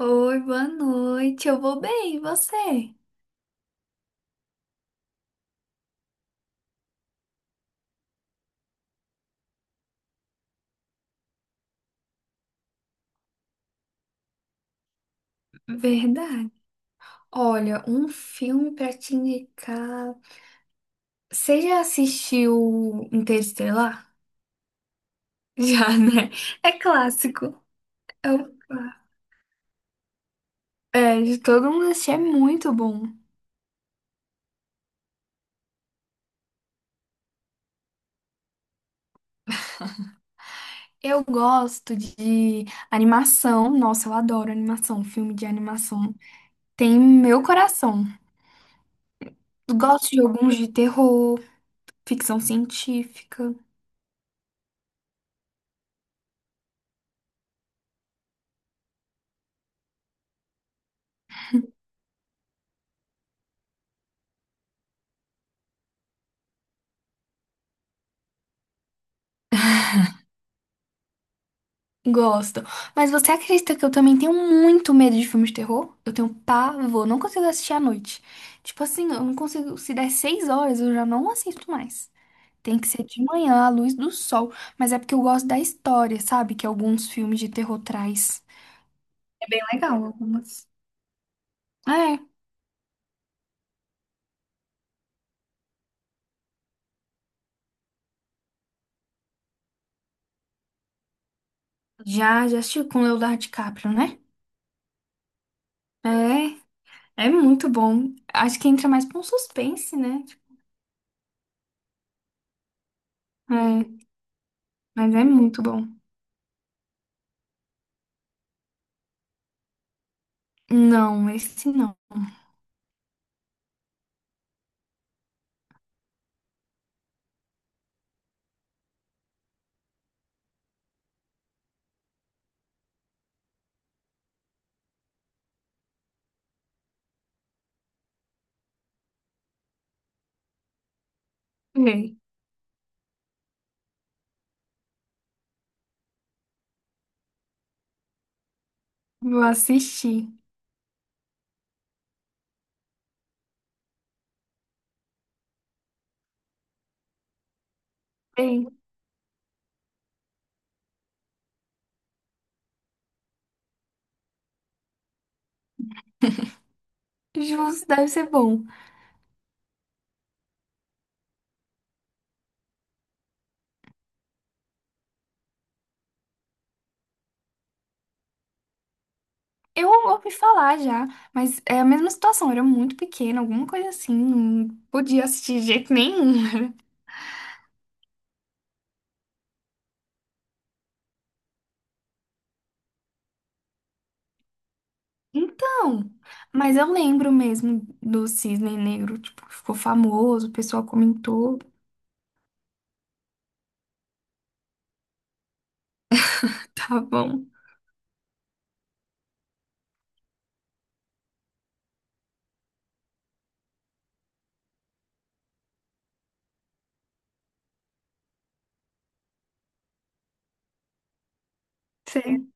Oi, boa noite. Eu vou bem, e você? Verdade. Olha, um filme pra te indicar. Você já assistiu Interestelar? Já, né? É clássico. É, o... é, de todo mundo assistir, é muito bom. Eu gosto de animação. Nossa, eu adoro animação, filme de animação. Tem meu coração. Gosto de alguns de terror, ficção científica. Gosto. Mas você acredita que eu também tenho muito medo de filmes de terror? Eu tenho pavor, não consigo assistir à noite. Tipo assim, eu não consigo. Se der 6 horas, eu já não assisto mais. Tem que ser de manhã, à luz do sol. Mas é porque eu gosto da história, sabe? Que alguns filmes de terror traz. É bem legal, algumas. É, já, já assistiu com Leonardo DiCaprio, né? É, é muito bom. Acho que entra mais pra um suspense, né? Tipo, é, mas é muito bom. Não, esse não. É. Vou assistir. Bem, justo, deve ser bom. Eu ouvi falar já, mas é a mesma situação. Eu era muito pequena, alguma coisa assim. Não podia assistir de jeito nenhum. Então, mas eu lembro mesmo do Cisne Negro. Tipo, ficou famoso, o pessoal comentou. Tá bom. Sei.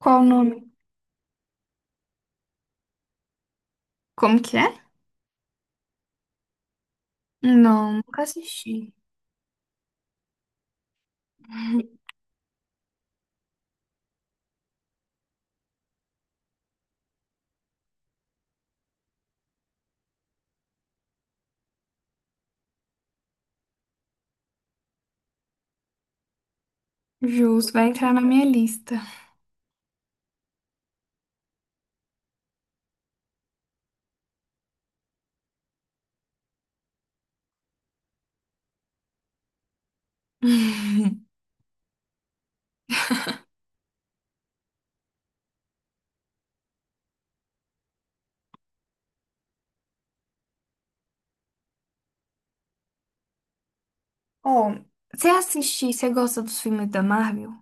Qual o nome? Como que é? Não, nunca assisti. Justo, vai entrar na minha lista. Ó, você assistir, você gosta dos filmes da Marvel?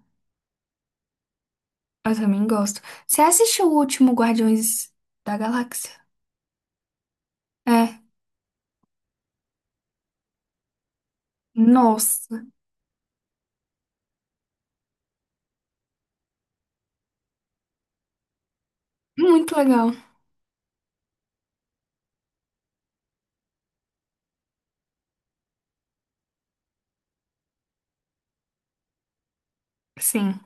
Eu também gosto. Você assistiu o último Guardiões da Galáxia? É. Nossa, muito legal. Sim.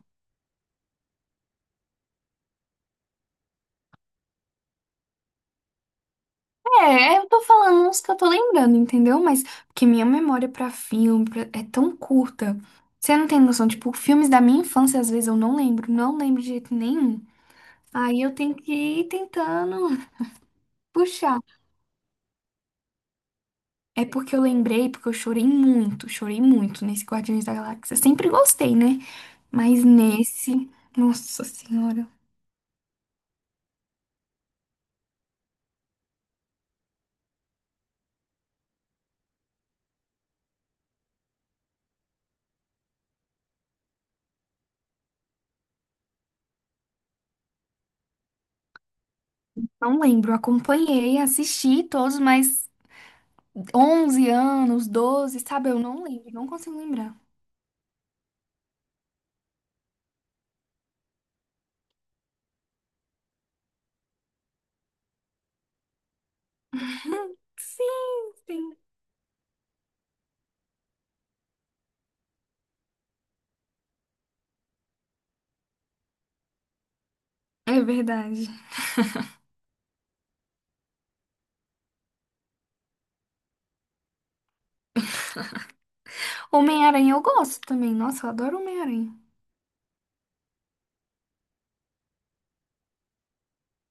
É, é, eu tô falando uns que eu tô lembrando, entendeu? Mas porque minha memória pra filme é tão curta. Você não tem noção, tipo, filmes da minha infância às vezes eu não lembro, não lembro de jeito nenhum. Aí eu tenho que ir tentando puxar. É porque eu lembrei, porque eu chorei muito nesse Guardiões da Galáxia. Sempre gostei, né? Mas nesse, nossa senhora. Não lembro, acompanhei, assisti todos, mas 11 anos, 12 sabe? Eu não lembro, não consigo lembrar. Sim, sim. É verdade. Homem-Aranha eu gosto também. Nossa, eu adoro Homem-Aranha.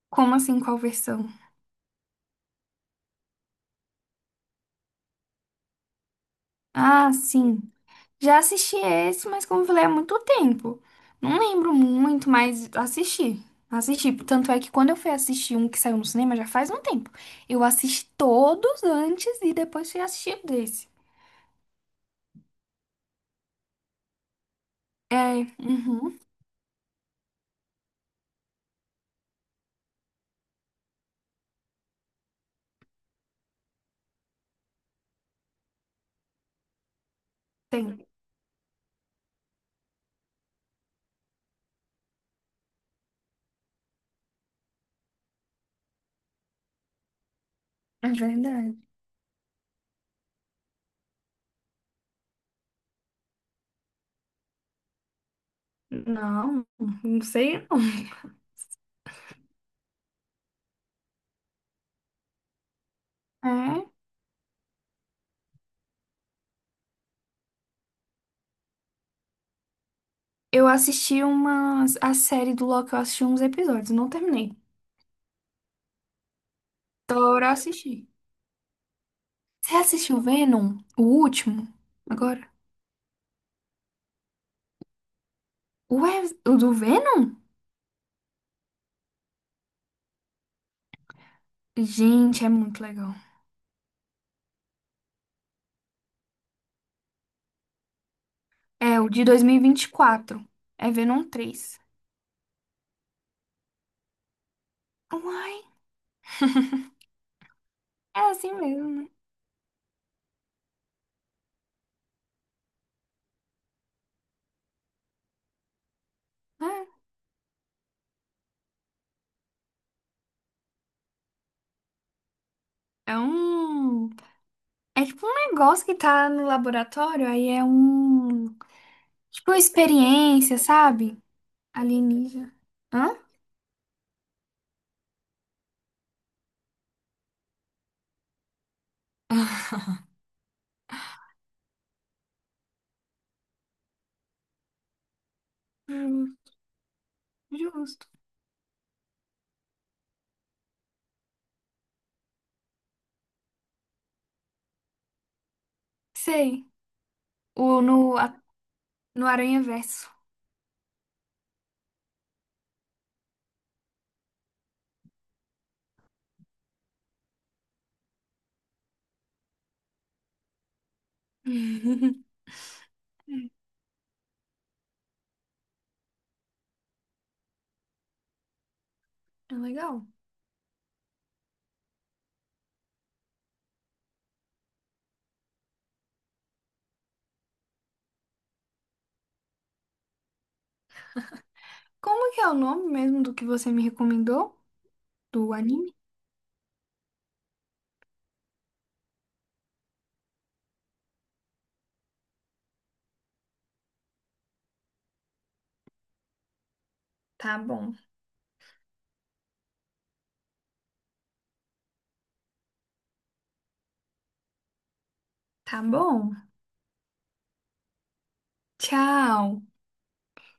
Como assim, qual versão? Ah, sim. Já assisti esse, mas como eu falei, há muito tempo. Não lembro muito, mas assisti. Assisti. Tanto é que quando eu fui assistir um que saiu no cinema já faz um tempo. Eu assisti todos antes e depois fui assistir desse. É, uhum, tem. É verdade. Não, não sei não. É, eu assisti umas, a série do Loki, eu assisti uns episódios, não terminei. Tô eu assistir. Você assistiu Venom? O último? Agora? Ué, o do Venom? Gente, é muito legal. É, o de dois mil e vinte e quatro. É Venom 3. Uai, é assim mesmo, né? É, é um... É tipo um negócio que tá no laboratório, aí é um... Tipo uma experiência, sabe? Alienígena. Hã? Hum, justo. Sei. O, no, no Aranha Verso. É legal. Como que é o nome mesmo do que você me recomendou? Do anime? Tá bom. Tá bom. Tchau.